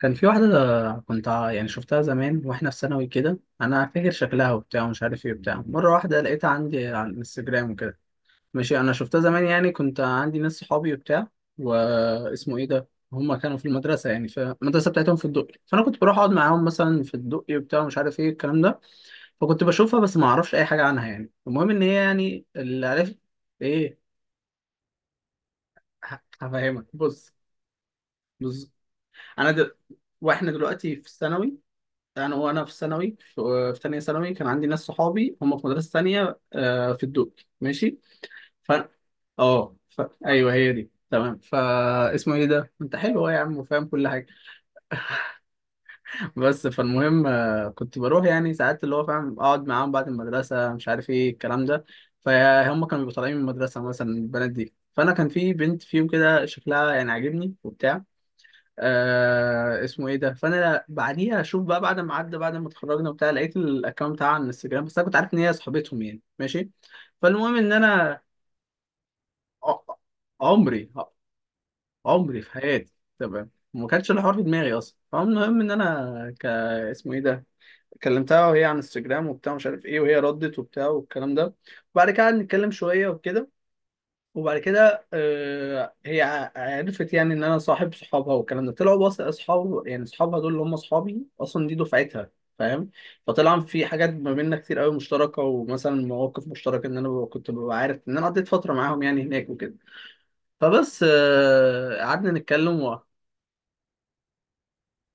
كان في واحدة كنت يعني شفتها زمان واحنا في ثانوي كده، انا فاكر شكلها وبتاع ومش عارف ايه وبتاع. مرة واحدة لقيتها عندي على الانستجرام وكده. ماشي، انا شفتها زمان يعني كنت عندي ناس صحابي وبتاع. واسمه ايه ده، هما كانوا في المدرسة يعني في المدرسة بتاعتهم في الدقي، فانا كنت بروح اقعد معاهم مثلا في الدقي وبتاع مش عارف ايه الكلام ده. فكنت بشوفها بس ما اعرفش اي حاجة عنها يعني. المهم ان هي يعني اللي عرفت ايه. هفهمك. بص. انا دل... واحنا دلوقتي في الثانوي، انا في ثانوي، في ثانيه ثانوي، كان عندي ناس صحابي هم في مدرسه ثانيه آه، في الدقي، ماشي. ف ايوه هي دي، تمام. فا اسمه ايه ده، انت حلو أهو يا عم وفاهم كل حاجه. بس فالمهم كنت بروح يعني ساعات اللي هو فاهم اقعد معاهم بعد المدرسه مش عارف ايه الكلام ده. فهم كانوا بيبقوا طالعين من المدرسه مثلا البنات دي، فانا كان في بنت فيهم كده شكلها يعني عاجبني وبتاع. آه اسمه ايه ده، فانا بعديها اشوف بقى بعد ما عدى بعد ما اتخرجنا وبتاع، لقيت الاكونت بتاعها على الانستجرام. بس انا كنت عارف ان هي صاحبتهم يعني، ماشي. فالمهم ان انا ع- عمري عمري في حياتي. تمام، ما كانش الحوار في دماغي اصلا. فالمهم ان انا اسمه ايه ده، كلمتها وهي على انستجرام وبتاع مش عارف ايه، وهي ردت وبتاع والكلام ده. وبعد كده قعدنا نتكلم شويه وكده. وبعد كده آه، هي عرفت يعني ان انا صاحب صحابها، والكلام ده طلعوا بس اصحاب يعني صحابها دول اللي هم اصحابي اصلا، دي دفعتها. فاهم. فطلع في حاجات ما بيننا كتير قوي مشتركه، ومثلا مواقف مشتركه ان انا كنت ببقى عارف ان انا قضيت فتره معاهم يعني هناك وكده. فبس آه، قعدنا نتكلم.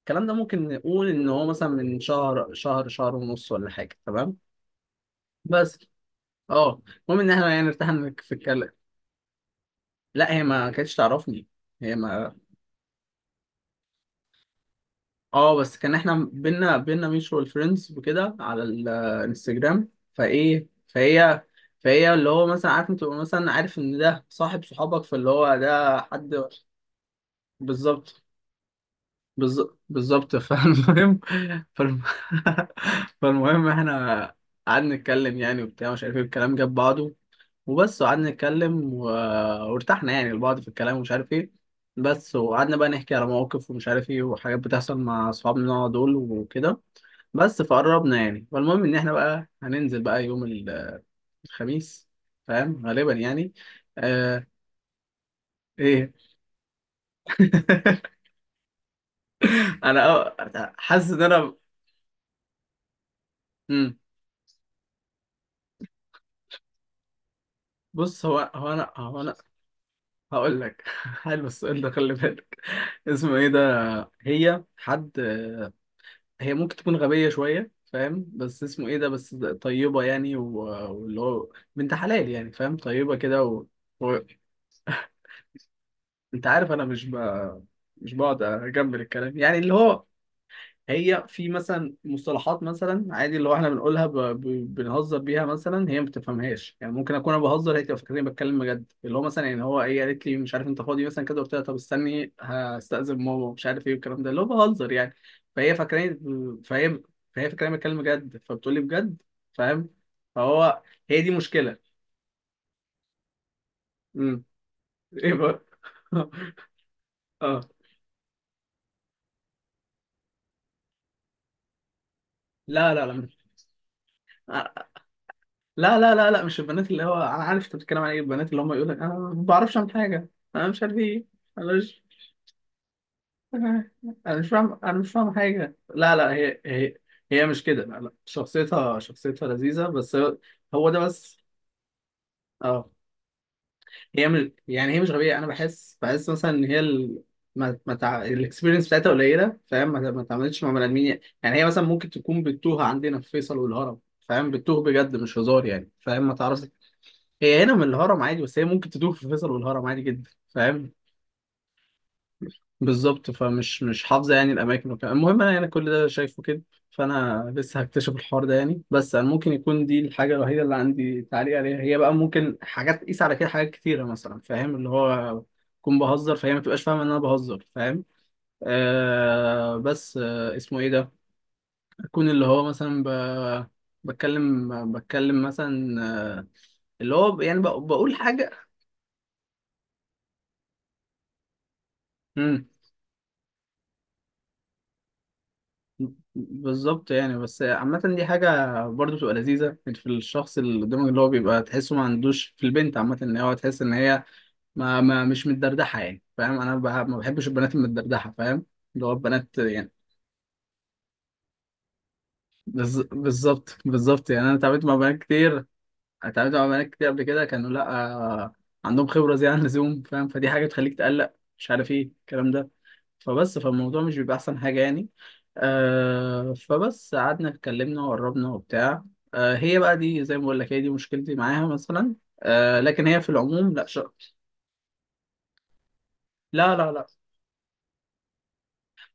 الكلام ده ممكن نقول ان هو مثلا من شهر، شهر، شهر ونص ولا حاجه. تمام، بس اه، المهم ان احنا يعني ارتحنا في الكلام. لا، هي ما كانتش تعرفني. هي ما اه بس كان احنا بينا ميوتشوال فريندز وكده على الانستجرام. فايه فهي فهي اللي هو مثلا عارف انت تبقى مثلا عارف ان ده صاحب صحابك، فاللي هو ده حد. بالظبط. بالظبط. فالمهم. فالم... فالمهم احنا قعدنا نتكلم يعني وبتاع مش عارف ايه، الكلام جاب بعضه. وبس وقعدنا نتكلم. وارتحنا يعني لبعض في الكلام ومش عارف ايه. بس وقعدنا بقى نحكي على مواقف ومش عارف ايه، وحاجات بتحصل مع اصحابنا دول وكده. بس فقربنا يعني. فالمهم ان احنا بقى هننزل بقى يوم الخميس، فاهم غالبا يعني. آه... ايه. انا حاسس ان انا بص، هو هو انا هو انا هقول لك. حلو السؤال ده، خلي بالك. اسمه ايه ده، هي حد، هي ممكن تكون غبية شوية فاهم، بس اسمه ايه ده بس طيبة يعني، واللي هو بنت حلال يعني فاهم طيبة كده. و... انت عارف انا مش بقعد اجمل الكلام يعني اللي هو. هي في مثلا مصطلحات مثلا عادي اللي هو احنا بنقولها بنهزر بيها، مثلا هي ما بتفهمهاش يعني. ممكن اكون انا بهزر، هي تبقى فاكراني بتكلم بجد. اللي هو مثلا يعني هو ايه، قالت لي مش عارف انت فاضي مثلا كده، قلت لها طب استني هستأذن ماما مش عارف ايه والكلام ده، اللي هو بهزر يعني. فهي فاكراني فهي فهي فاكراني بتكلم بجد، فبتقول لي بجد. فاهم. فهو، هي دي مشكلة. امم. ايه بقى. اه. لا لا لا لا لا لا لا، مش البنات، اللي هو انا عارف انت بتتكلم عن ايه، البنات اللي هم يقول لك انا ما بعرفش اعمل حاجه انا مش عارف ايه. انا مش انا مش فاهم، انا مش فاهم حاجه. لا، هي هي مش كده. لا، شخصيتها، شخصيتها لذيذه بس هو، هو ده بس. اه، هي مش يعني، هي مش غبيه، انا بحس، بحس مثلا ان هي ما ما تع... الاكسبيرينس بتاعتها قليله فاهم، ما ما اتعاملتش مع بني ادمين يعني. هي مثلا ممكن تكون بتتوه عندنا في فيصل والهرم، فاهم، بتتوه بجد مش هزار يعني فاهم، ما تعرفش. هي هنا من الهرم عادي، بس هي ممكن تدور في فيصل والهرم عادي جدا فاهم. بالظبط. فمش، مش حافظه يعني الاماكن وكده. المهم انا يعني كل ده شايفه كده. فانا لسه هكتشف الحوار ده يعني. بس انا ممكن يكون دي الحاجه الوحيده اللي عندي تعليق عليها. هي بقى ممكن حاجات تقيس على كده حاجات كتيره مثلا فاهم، اللي هو اكون بهزر فهي ما تبقاش فاهمه ان انا بهزر، فاهم. آه بس آه اسمه ايه ده، اكون اللي هو مثلا بتكلم مثلا آه، اللي هو يعني بقول حاجه. بالظبط يعني، بس عامة دي حاجة برضو بتبقى لذيذة يعني في الشخص اللي قدامك، اللي هو بيبقى تحسه ما عندوش في البنت عامة ان هو تحس ان هي ما, ما مش متدردحة يعني فاهم، انا ما بحبش البنات المتدردحة فاهم، اللي هو البنات يعني. بالظبط يعني، انا اتعاملت مع بنات كتير، قبل كده كانوا لا آه، عندهم خبرة زيادة عن اللزوم فاهم، فدي حاجة بتخليك تقلق مش عارف ايه الكلام ده. فبس فالموضوع مش بيبقى احسن حاجه يعني. آه فبس قعدنا اتكلمنا وقربنا وبتاع. آه هي بقى دي زي ما بقول لك، هي دي مشكلتي معاها مثلا. آه لكن هي في العموم لا شا. لا،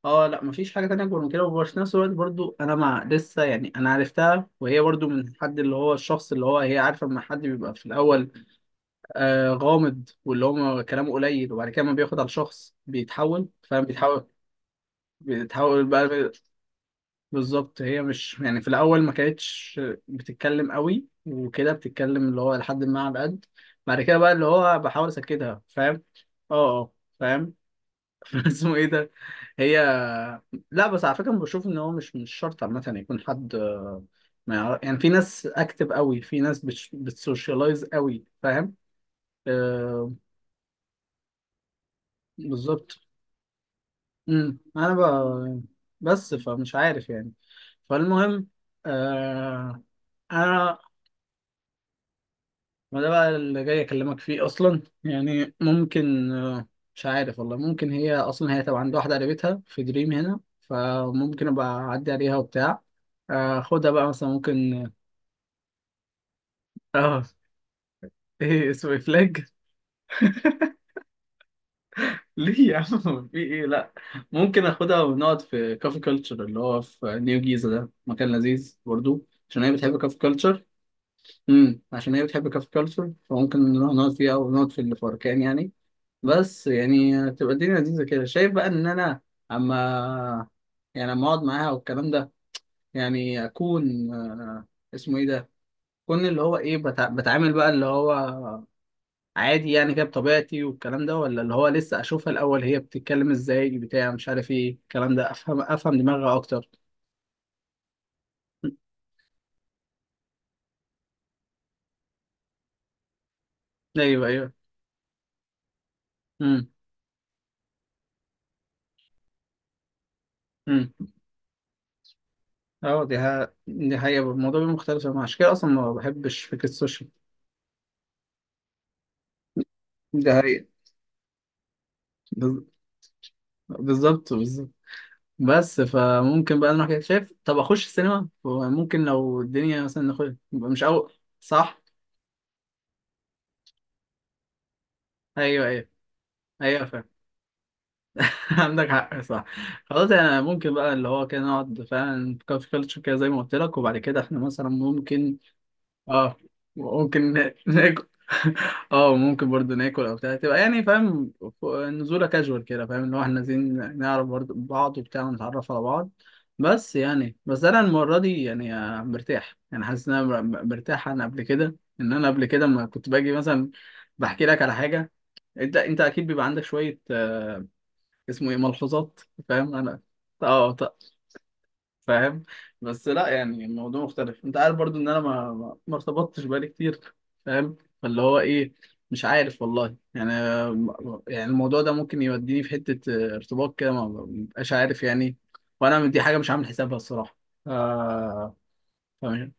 اه لا، مفيش حاجه تانية اكبر من كده. وفي نفس الوقت برضو انا مع لسه يعني انا عرفتها، وهي برضو من حد اللي هو الشخص اللي هو هي عارفه، لما حد بيبقى في الاول آه غامض واللي هو كلامه قليل، وبعد كده ما بياخد على الشخص بيتحول فاهم بيتحول بقى. بالظبط. هي مش يعني في الاول ما كانتش بتتكلم قوي وكده، بتتكلم اللي هو لحد ما على قد. بعد كده بقى اللي هو بحاول اسكتها فاهم. اه، فاهم. اسمه ايه ده، هي لا بس على فكره بشوف ان هو مش، مش شرط عامه يكون حد آه، ما يعرف يعني. في ناس اكتف قوي، في ناس بتسوشيالايز قوي فاهم. آه. بالظبط. امم، انا بس فمش عارف يعني. فالمهم آه انا، ما ده بقى اللي جاي اكلمك فيه اصلا يعني. ممكن آه، مش عارف والله. ممكن هي اصلا، هي طبعا عندها واحده قريبتها في دريم هنا، فممكن ابقى اعدي عليها وبتاع آه، خدها بقى مثلا ممكن. اه آه، ايه اسمه إيه؟ فلاج. ليه يا عم، في ايه، لا. ممكن اخدها ونقعد في كافي كلتشر اللي هو في نيو جيزه، ده مكان لذيذ برضو عشان هي بتحب كافي كلتشر. امم، عشان هي بتحب كافي كلتشر فممكن نروح نقعد فيها ونقعد في اللي في أركان يعني. بس يعني تبقى الدنيا لذيذة كده. شايف بقى إن أنا أما، يعني أما أقعد معاها والكلام ده، يعني أكون آه، اسمه إيه ده؟ أكون اللي هو إيه بتعامل بقى اللي هو عادي يعني كده بطبيعتي والكلام ده، ولا اللي هو لسه أشوفها الأول، هي بتتكلم إزاي بتاع مش عارف إيه الكلام ده، أفهم، أفهم دماغها أكتر. أيوه. أمم. أمم أه، دي حقيقة، الموضوع بيبقى مختلف. أنا عشان كده أصلا ما بحبش فكرة السوشيال. دي حقيقة. بز- بالظبط بالظبط. بس فممكن بقى نروح كده، شايف طب اخش السينما ممكن، لو الدنيا مثلا نخش يبقى مش اول. صح. ايوه ايوه ايوه، فاهم. عندك حق، صح. خلاص انا ممكن بقى اللي هو كده نقعد فعلا في كافي كلتشر كده زي ما قلت لك، وبعد كده احنا مثلا ممكن اه، ممكن ناكل. اه ممكن برضو ناكل او بتاع تبقى يعني فاهم، نزوله كاجوال كده فاهم، اللي هو احنا عايزين نعرف برضو بعض وبتاع ونتعرف على بعض. بس يعني، بس انا المره دي يعني آه، مرتاح يعني، حاسس ان انا مرتاح عن قبل كده، ان انا قبل كده ما كنت باجي مثلا بحكي لك على حاجه. انت، انت اكيد بيبقى عندك شويه آه، اسمه ايه، ملحوظات، فاهم انا. اه فاهم. بس لا يعني الموضوع مختلف، انت عارف برضو ان انا ما ارتبطتش بقالي كتير فاهم، فاللي هو ايه، مش عارف والله يعني. يعني الموضوع ده ممكن يوديني في حتة اه، ارتباط كده، ما ببقاش عارف يعني. وانا دي حاجة مش عامل حسابها الصراحة. آه... فاهم.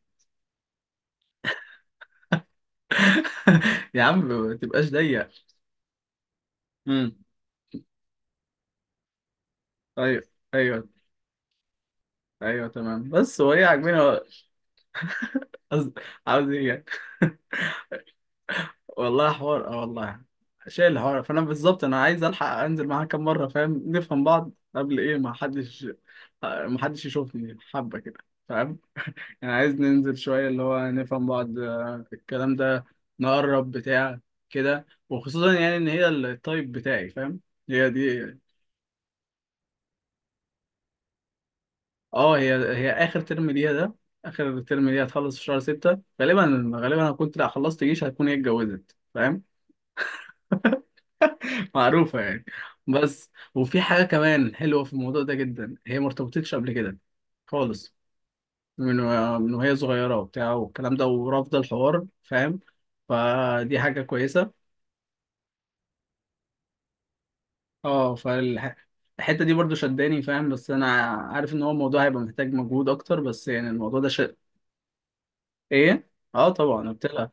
يا عم ما تبقاش ضيق. امم. ايوه ايوه ايوه، تمام. بس هو ايه، عاجبني هو. قصد- عاوز ايه يعني. والله حوار اه والله، شايل الحوار. فانا بالظبط انا عايز الحق انزل معاها كام مره فاهم، نفهم بعض قبل ايه، ما حدش يشوفني حبه كده، فاهم. يعني عايز ننزل شويه اللي هو نفهم بعض آه، الكلام ده، نقرب بتاع كده. وخصوصا يعني ان هي التايب بتاعي، فاهم. هي دي. اه، هي اخر ترم ليها ده، اخر ترم ليها هتخلص في شهر 6 غالبا. غالبا هكون لا، خلصت جيش هتكون هي اتجوزت فاهم، معروفة يعني. بس، وفي حاجة كمان حلوة في الموضوع ده جدا، هي ما ارتبطتش قبل كده خالص، من من وهي صغيرة وبتاع والكلام ده، ورافضة الحوار فاهم. فدي حاجة كويسة. اه فالحتة دي برضو شداني فاهم. بس أنا عارف إن هو الموضوع هيبقى محتاج مجهود أكتر. بس يعني الموضوع ده إيه؟ اه طبعا قلت لها.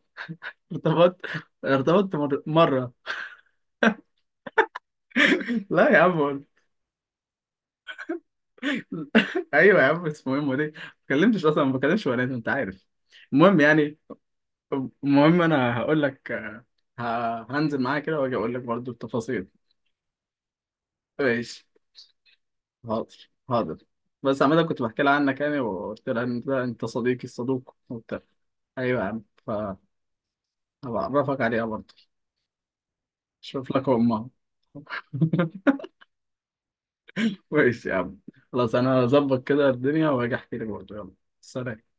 ارتبطت، ارتبطت مرة. لا يا عم. ايوه يا عم، اسمه ايه أمال إيه؟ ما اتكلمتش اصلا، ما بكلمش بنات انت عارف. المهم يعني. طب المهم انا هقول لك. هنزل معايا كده واجي اقول لك برضو التفاصيل. ماشي، حاضر حاضر. بس عمال كنت بحكي لها عنك يعني، وقلت لها ان ده انت صديقي الصدوق وبتاع. ايوه يا عم. فهبعرفك عليها برضو. اشوف لك امها. ماشي يا عم. خلاص انا هظبط كده الدنيا واجي احكي لك برضو. يلا، سلام.